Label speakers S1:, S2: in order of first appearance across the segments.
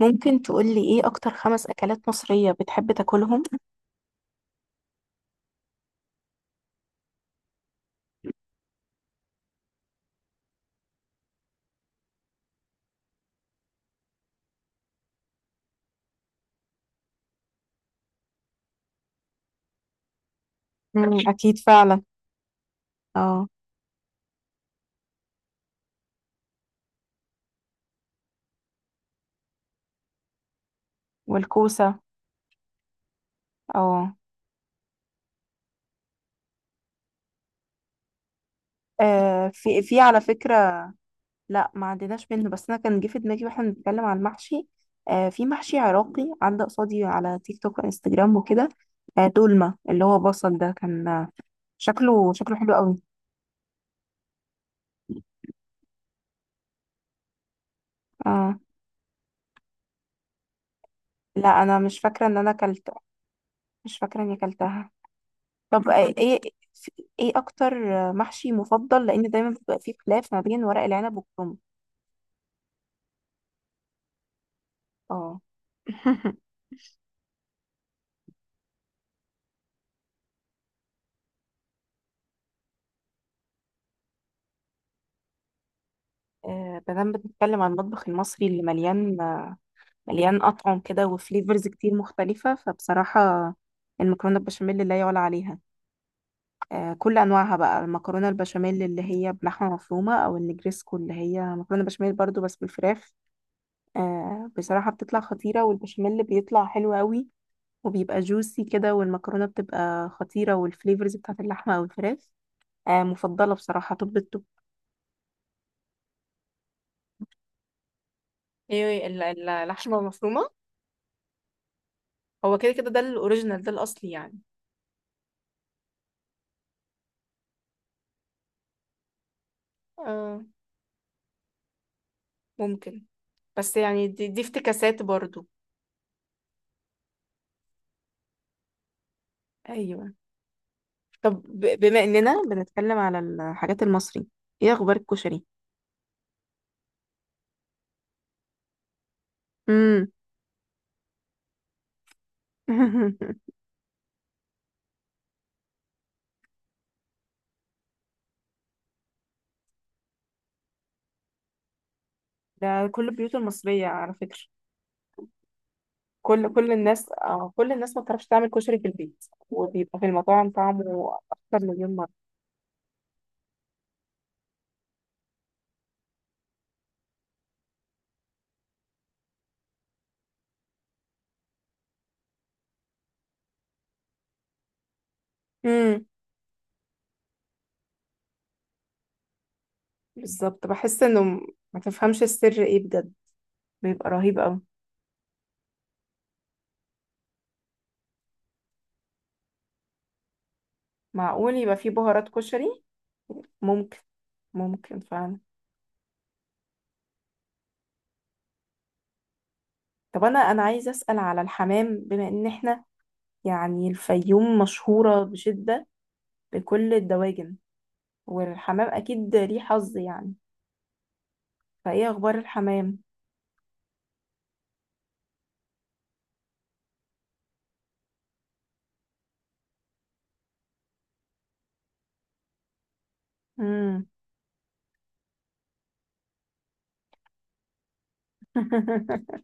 S1: ممكن تقولي ايه اكتر خمس اكلات مصرية بتحب تاكلهم؟ مم، أكيد فعلا. اه. والكوسة. اه. في على فكرة. لا ما عديناش منه، بس انا كان جه في دماغي واحنا بنتكلم عن المحشي. في محشي عراقي عدى قصادي على تيك توك وانستجرام وكده. دولمة اللي هو بصل ده كان شكله حلو قوي. آه. لا، انا مش فاكره ان انا اكلت، مش فاكره اني اكلتها. طب، ايه ايه اكتر محشي مفضل؟ لان دايما بيبقى فيه خلاف ما بين ورق العنب والكرنب. اه. ما دام بنتكلم عن المطبخ المصري اللي مليان، مليان أطعم كده وفليفرز كتير مختلفة، فبصراحة المكرونة البشاميل لا يعلى عليها. كل أنواعها بقى، المكرونة البشاميل اللي هي بلحمة مفرومة، أو النجريسكو اللي هي مكرونة بشاميل برضو بس بالفراخ. بصراحة بتطلع خطيرة، والبشاميل اللي بيطلع حلو قوي وبيبقى جوسي كده، والمكرونة بتبقى خطيرة، والفليفرز بتاعت اللحمة أو الفراخ. مفضلة بصراحة توب التوب. ايه اللحمه المفرومه. هو كده كده ده الاوريجينال، ده الاصلي يعني. اه، ممكن. بس يعني دي افتكاسات برضو. ايوه. طب، بما اننا بنتكلم على الحاجات المصري، ايه اخبار الكشري؟ امم. ده كل البيوت المصريه على فكره. كل الناس، آه، كل الناس ما بتعرفش تعمل كشري في البيت، وبيبقى في المطاعم طعمه اكتر مليون مره. امم. بالظبط، بحس انه ما تفهمش السر ايه بجد. بيبقى رهيب قوي. معقول يبقى فيه بهارات كشري؟ ممكن. ممكن فعلا. طب انا، انا عايزه اسال على الحمام، بما ان احنا يعني الفيوم مشهوره بشده، بكل الدواجن، والحمام اكيد ليه حظ يعني. فايه اخبار الحمام؟ امم.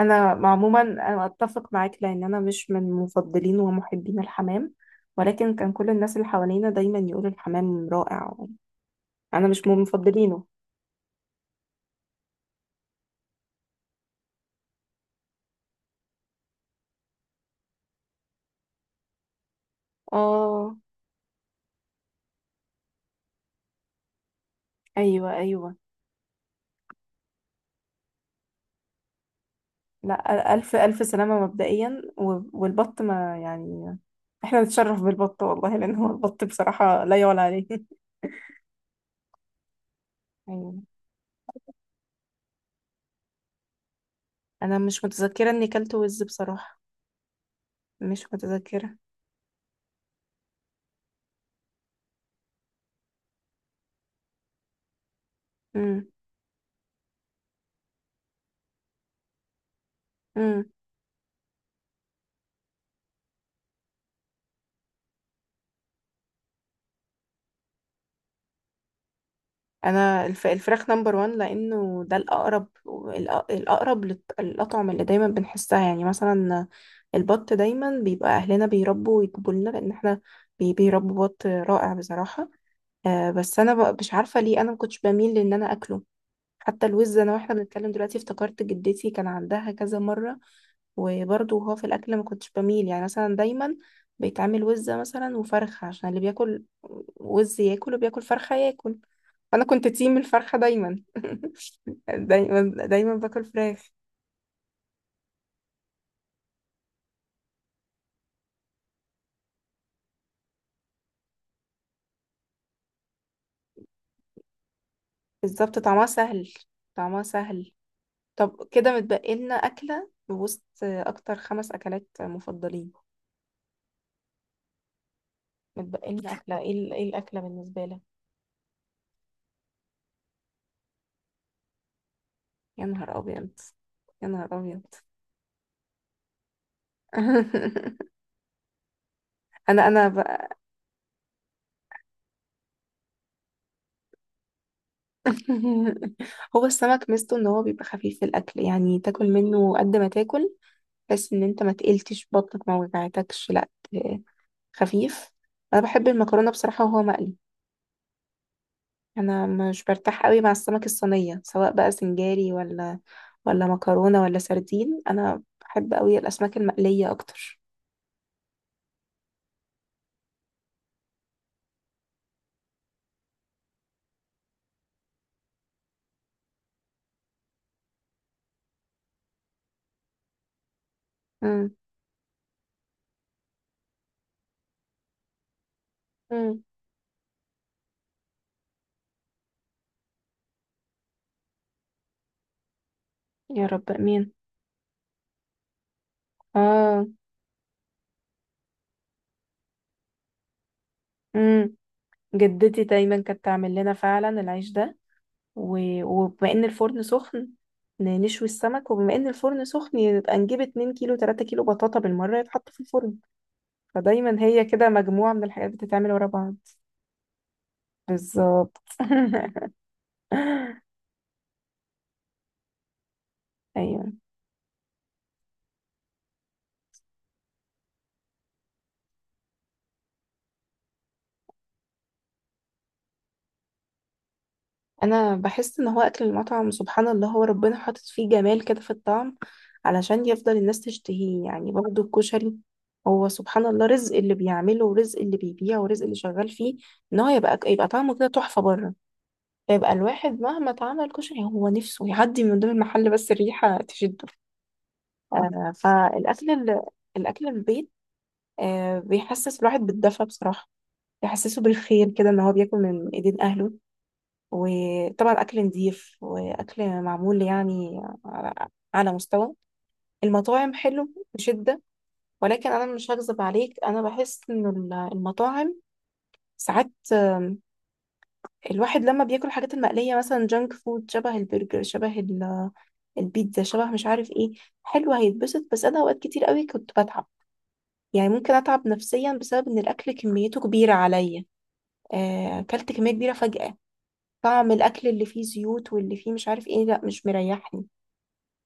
S1: انا عموما انا اتفق معاك، لان انا مش من مفضلين ومحبين الحمام. ولكن كان كل الناس اللي حوالينا دايما يقولوا الحمام رائع. انا مش من مفضلينه. اه. ايوه ايوه. لا، ألف ألف سلامة مبدئيا والبط ما يعني، احنا نتشرف بالبط والله، لأن هو البط بصراحة لا يعلى عليه. أيوة. أنا مش متذكرة إني كلت وز بصراحة. مش متذكرة. مم. مم. أنا الفراخ نمبر وان، لأنه ده الأقرب، الأقرب الأطعمة اللي دايما بنحسها يعني مثلا. البط دايما بيبقى أهلنا بيربوا ويجيبوا لنا، لأن احنا بيربوا بط رائع بصراحة. بس أنا بقى مش عارفة ليه أنا مكنتش بميل لإن أنا أكله. حتى الوز، انا واحنا بنتكلم دلوقتي افتكرت جدتي كان عندها كذا مره، وبرضه هو في الاكل ما كنتش بميل، يعني مثلا دايما بيتعمل وزه مثلا وفرخه، عشان اللي بياكل وز ياكل، وبياكل فرخه ياكل. انا كنت تيم الفرخه دايما. دايما دايما باكل فراخ. بالظبط، طعمها سهل، طعمها سهل. طب كده متبقي لنا اكله وسط اكتر خمس اكلات مفضلين، متبقي لنا اكله ايه؟ إيه الاكله بالنسبه لك؟ يا نهار ابيض، يا نهار ابيض. انا بقى. هو السمك ميزته ان هو بيبقى خفيف في الاكل، يعني تاكل منه قد ما تاكل، بس ان انت ما تقلتش بطنك، ما وجعتكش، لا خفيف. انا بحب المكرونه بصراحه، وهو مقلي. انا مش برتاح قوي مع السمك الصينيه، سواء بقى سنجاري ولا مكرونه ولا سردين. انا بحب قوي الاسماك المقليه اكتر. امم. امم. يا رب امين. اه. امم. جدتي دايما كانت تعمل لنا فعلا العيش ده وبما ان الفرن سخن، نشوي السمك، وبما ان الفرن سخن يبقى نجيب 2 كيلو 3 كيلو بطاطا بالمرة يتحط في الفرن. فدايما هي كده مجموعة من الحاجات بتتعمل ورا بعض. بالظبط. ايوه. انا بحس ان هو اكل المطعم سبحان الله هو ربنا حاطط فيه جمال كده في الطعم، علشان يفضل الناس تشتهيه، يعني برضه الكشري، هو سبحان الله رزق اللي بيعمله ورزق اللي بيبيعه ورزق اللي شغال فيه، ان هو يبقى، يبقى طعمه كده تحفة بره، فيبقى الواحد مهما اتعمل كشري هو نفسه يعدي من قدام المحل بس الريحة تشده. فالأكل الأكل البيت، آه، بيحسس الواحد بالدفى بصراحة، بيحسسه بالخير كده، إن هو بياكل من إيدين أهله، وطبعا أكل نضيف وأكل معمول يعني على، على مستوى المطاعم حلو بشدة. ولكن أنا مش هكذب عليك، أنا بحس إن المطاعم ساعات، الواحد لما بياكل الحاجات المقلية مثلا جانك فود، شبه البرجر، شبه البيتزا، شبه مش عارف ايه، حلو، هيتبسط، بس انا اوقات كتير قوي كنت بتعب، يعني ممكن اتعب نفسيا بسبب ان الاكل كميته كبيره عليا. اكلت كميه كبيره فجاه، طعم الاكل اللي فيه زيوت واللي فيه مش عارف ايه، لا مش مريحني.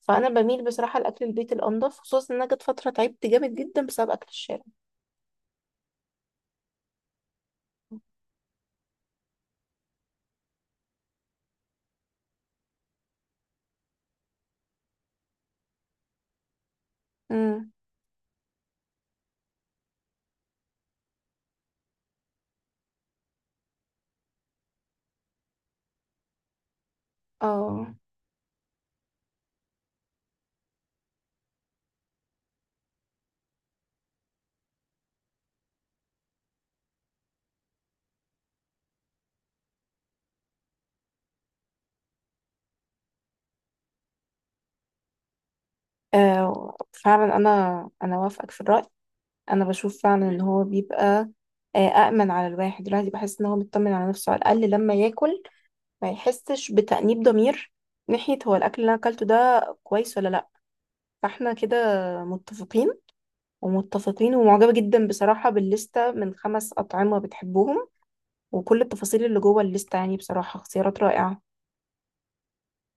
S1: فانا بميل بصراحه لاكل البيت الانضف، خصوصا ان انا جت فتره تعبت جامد جدا بسبب اكل الشارع. امم. اه. فعلا. انا انا وافقك في الراي، انا بشوف فعلا ان هو بيبقى، آه، أأمن على الواحد، الواحد بحس إن هو مطمن على نفسه على الأقل لما ياكل، ما يحسش بتأنيب ضمير ناحية هو الأكل اللي أنا أكلته ده كويس ولا لأ. فاحنا كده متفقين، ومتفقين ومعجبة جدا بصراحة بالليستة من خمس أطعمة بتحبهم، وكل التفاصيل اللي جوه الليستة يعني بصراحة اختيارات رائعة.